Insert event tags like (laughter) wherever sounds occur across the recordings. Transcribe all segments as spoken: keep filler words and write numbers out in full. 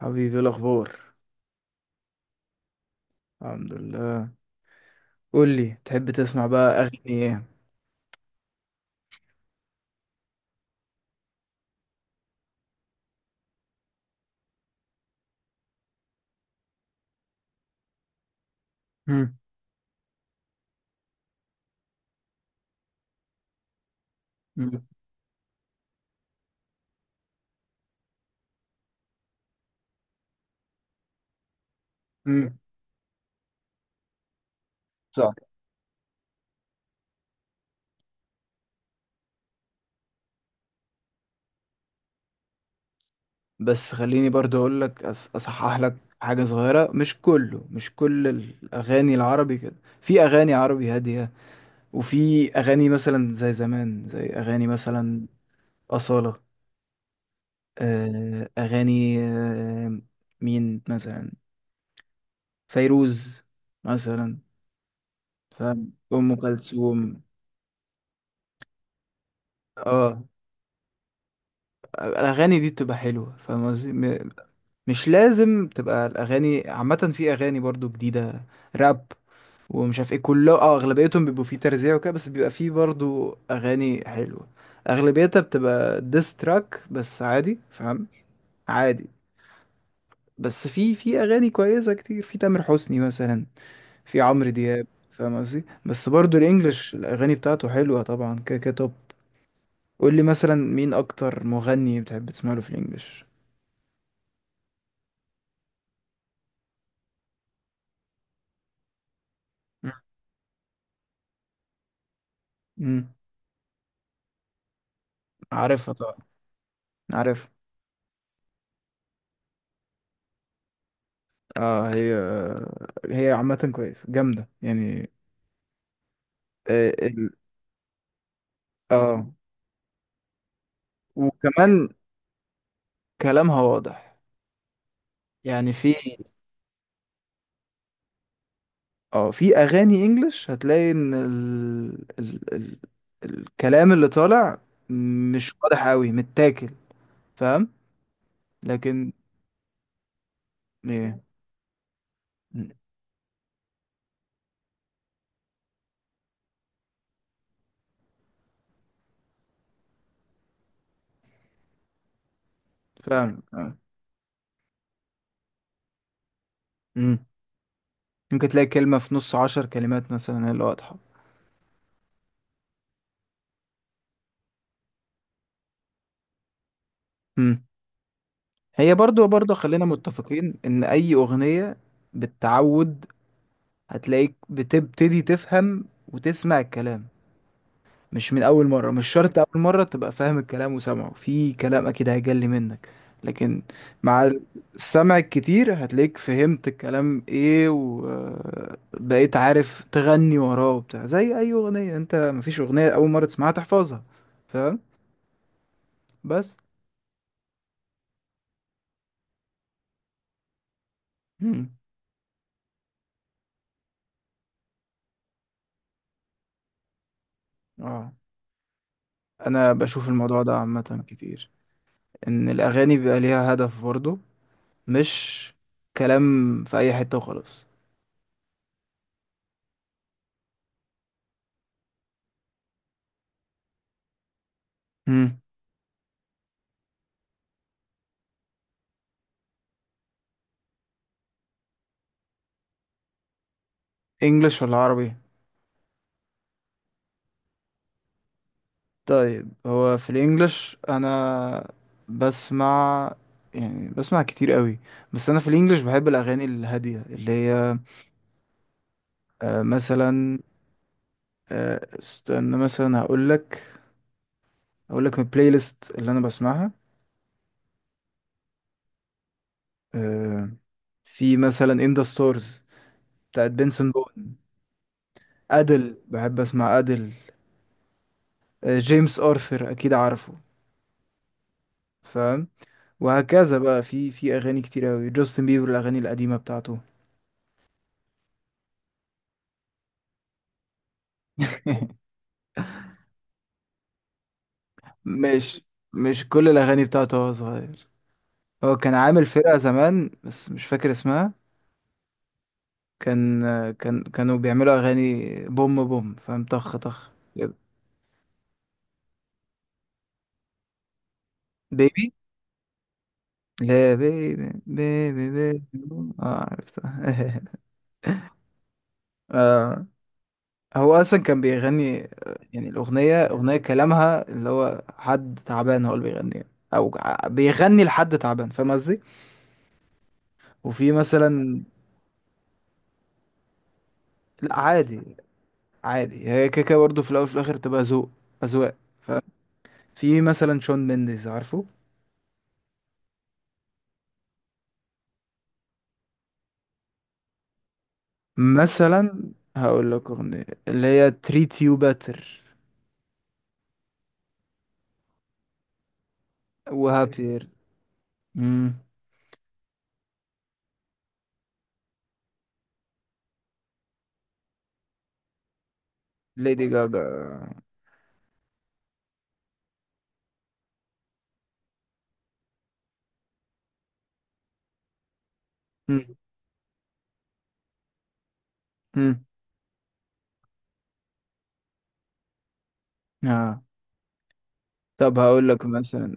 حبيبي، إيه الاخبار؟ الحمد لله. قول لي تحب تسمع بقى اغاني ايه؟ مم. مم. مم. صح. بس خليني برضو اقول لك، أص- اصحح لك حاجه صغيره. مش كله مش كل الاغاني العربي كده. في اغاني عربي هاديه، وفي اغاني مثلا زي زمان، زي اغاني مثلا اصاله، آه، اغاني آه، مين مثلا؟ فيروز مثلا، فاهم؟ ام كلثوم. اه، الاغاني دي بتبقى حلوه، فاهم قصدي؟ مش لازم تبقى الاغاني عامه، في اغاني برضو جديده، راب، ومش عارف ايه، كله اه اغلبيتهم بيبقوا فيه ترزيع وكده، بس بيبقى فيه برضو اغاني حلوه. اغلبيتها بتبقى ديس تراك، بس عادي، فاهم؟ عادي. بس في في اغاني كويسه كتير، في تامر حسني مثلا، في عمرو دياب، فاهم قصدي؟ بس برضو الانجليش الاغاني بتاعته حلوه طبعا، كده كده توب. قول لي مثلا مين اكتر مغني بتحب تسمع له في الانجليش؟ مم. عارفها طبعا. عارف. اه، هي، هي عامة كويس، جامدة يعني. اه ال- آه. وكمان كلامها واضح، يعني في. اه، في اغاني انجلش هتلاقي ان ال... ال... ال... الكلام اللي طالع مش واضح قوي، متاكل، فاهم؟ لكن ايه. م. فاهم آه. م. ممكن تلاقي كلمة في نص عشر كلمات مثلا هي اللي واضحة. م. هي برضو، برضو، خلينا متفقين ان اي اغنية بالتعود هتلاقيك بتبتدي تفهم وتسمع الكلام، مش من اول مرة. مش شرط اول مرة تبقى فاهم الكلام وسامعه، في كلام اكيد هيجلي منك. لكن مع السمع الكتير هتلاقيك فهمت الكلام ايه، وبقيت عارف تغني وراه وبتاع، زي اي اغنية، انت مفيش اغنية اول مرة تسمعها تحفظها، فاهم؟ بس. مم. اه. انا بشوف الموضوع ده عامة كتير، ان الاغاني بيبقى ليها هدف برضه، مش كلام في اي حتة وخلاص. امم. انجلش ولا عربي؟ طيب، هو في الانجليش انا بسمع، يعني بسمع كتير قوي. بس انا في الانجليش بحب الاغاني الهاديه، اللي هي آه مثلا، آه استنى مثلا، هقول لك، هقول لك البلاي ليست اللي انا بسمعها. آه، في مثلا ان ذا ستارز بتاعت بنسون بون، ادل، بحب اسمع ادل، آه جيمس ارثر اكيد عارفه، فاهم؟ وهكذا بقى، في في اغاني كتير قوي، جاستن بيبر الاغاني القديمه بتاعته. (laughs) مش مش كل الأغاني بتاعته وهو صغير. هو كان عامل فرقة زمان بس مش فاكر اسمها. كان كان كانوا بيعملوا أغاني بوم بوم، فاهم؟ طخ طخ كده. بيبي. لا، بيبي بيبي بيبي بوم. اه، عرفتها. (laughs) آه، هو أصلا كان بيغني آه، يعني الأغنية، أغنية كلامها اللي هو حد تعبان هو اللي بيغنيها، أو ع- بيغني لحد تعبان، فاهم قصدي؟ وفي مثلا، لا عادي، عادي، هي كيكه برضه، في الاول وفي الاخر تبقى ذوق، اذواق. ففي مثلا شون مينديز، عارفه؟ مثلا هقول لك اغنيه، اللي هي تريت يو باتر، وهابير. امم. ليدي جاجا. امم. امم. آه. طب هقول لك مثلا،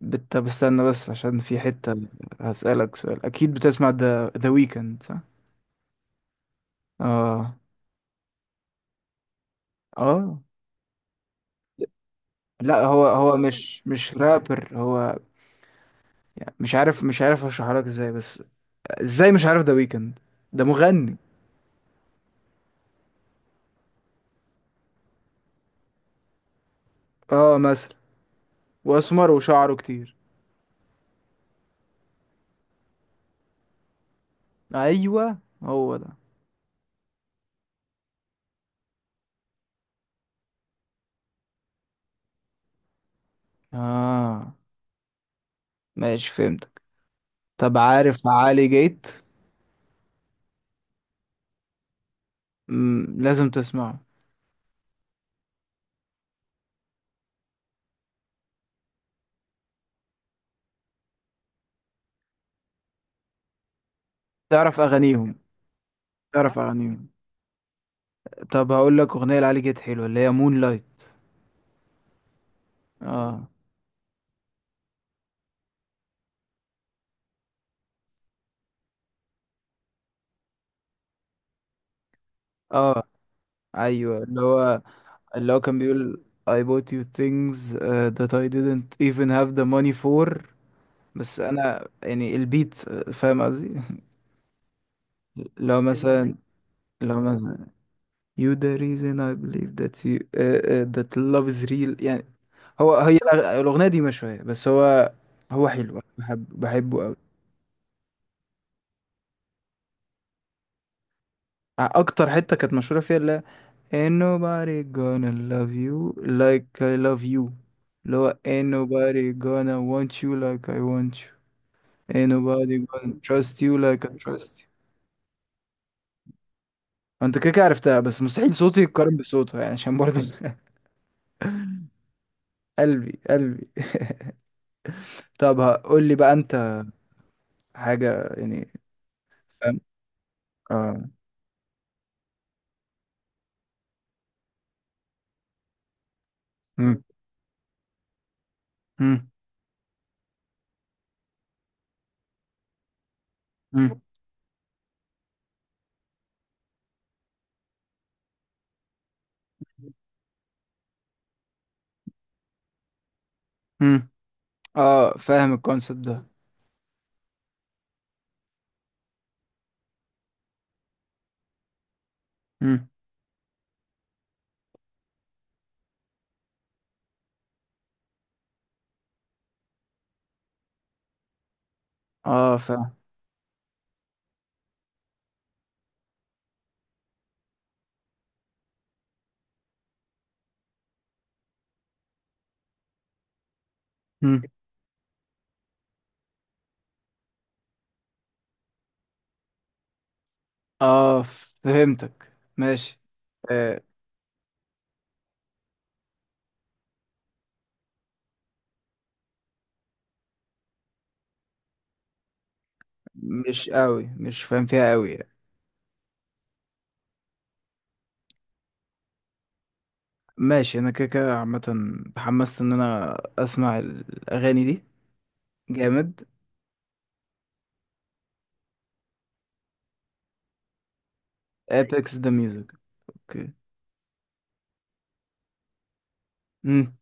بت- طب استنى بس، عشان في حته هسألك سؤال. اكيد بتسمع ذا ذا ويكند، صح؟ اه. اه. لا، هو هو مش مش رابر، هو يعني مش عارف، مش عارف اشرحها لك ازاي، بس ازاي مش عارف، ده ويكند، ده مغني. اه، مثلا، واسمر وشعره كتير. ايوه، هو ده. اه، ماشي، فهمتك. طب عارف علي جيت؟ مم، لازم تسمعه. تعرف اغانيهم؟ تعرف اغانيهم. طب هقول لك اغنيه لعلي جيت حلوه، اللي هي مون لايت. اه. اه، ايوه، اللي هو، اللي هو كان بيقول I bought you things uh, that I didn't even have the money for. بس انا يعني البيت آه، فاهم قصدي؟ (laughs) لو مثلا، لو مثلا You the reason I believe that you uh, uh, that love is real. يعني هو، هي الأغ- الأغنية دي مشوية، بس هو، هو حلو، أنا بحب بحبه قوي. أكتر حتة كانت مشهورة فيها، اللي هي Ain't nobody gonna love you like I love you، اللي هو Ain't nobody gonna want you like I want you، Ain't nobody gonna trust you like I trust you. أنت كده كده عرفتها. بس مستحيل صوتي يتقارن بصوتها يعني، عشان برضه. (laughs) قلبي، قلبي. (laughs) طب قول لي بقى أنت، حاجة يعني. اه. مم. مم. مم. مم. اه، فاهم الكونسبت ده. مم. اه فاهم. مم. اه فهمتك، ماشي. آه. مش قوي، مش فاهم فيها قوي يعني. ماشي، انا كده كده عامة اتحمست ان انا اسمع الاغاني دي، جامد. ابيكس ذا ميوزك. اوكي. مم.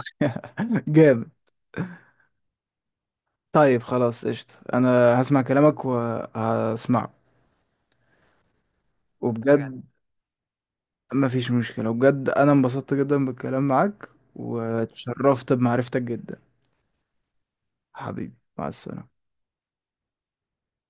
(laughs) جامد. طيب، خلاص، قشطة، انا هسمع كلامك وهسمعه. وبجد، مفيش مشكلة، بجد أنا انبسطت جدا بالكلام معاك، واتشرفت بمعرفتك جدا. حبيبي، مع السلامة.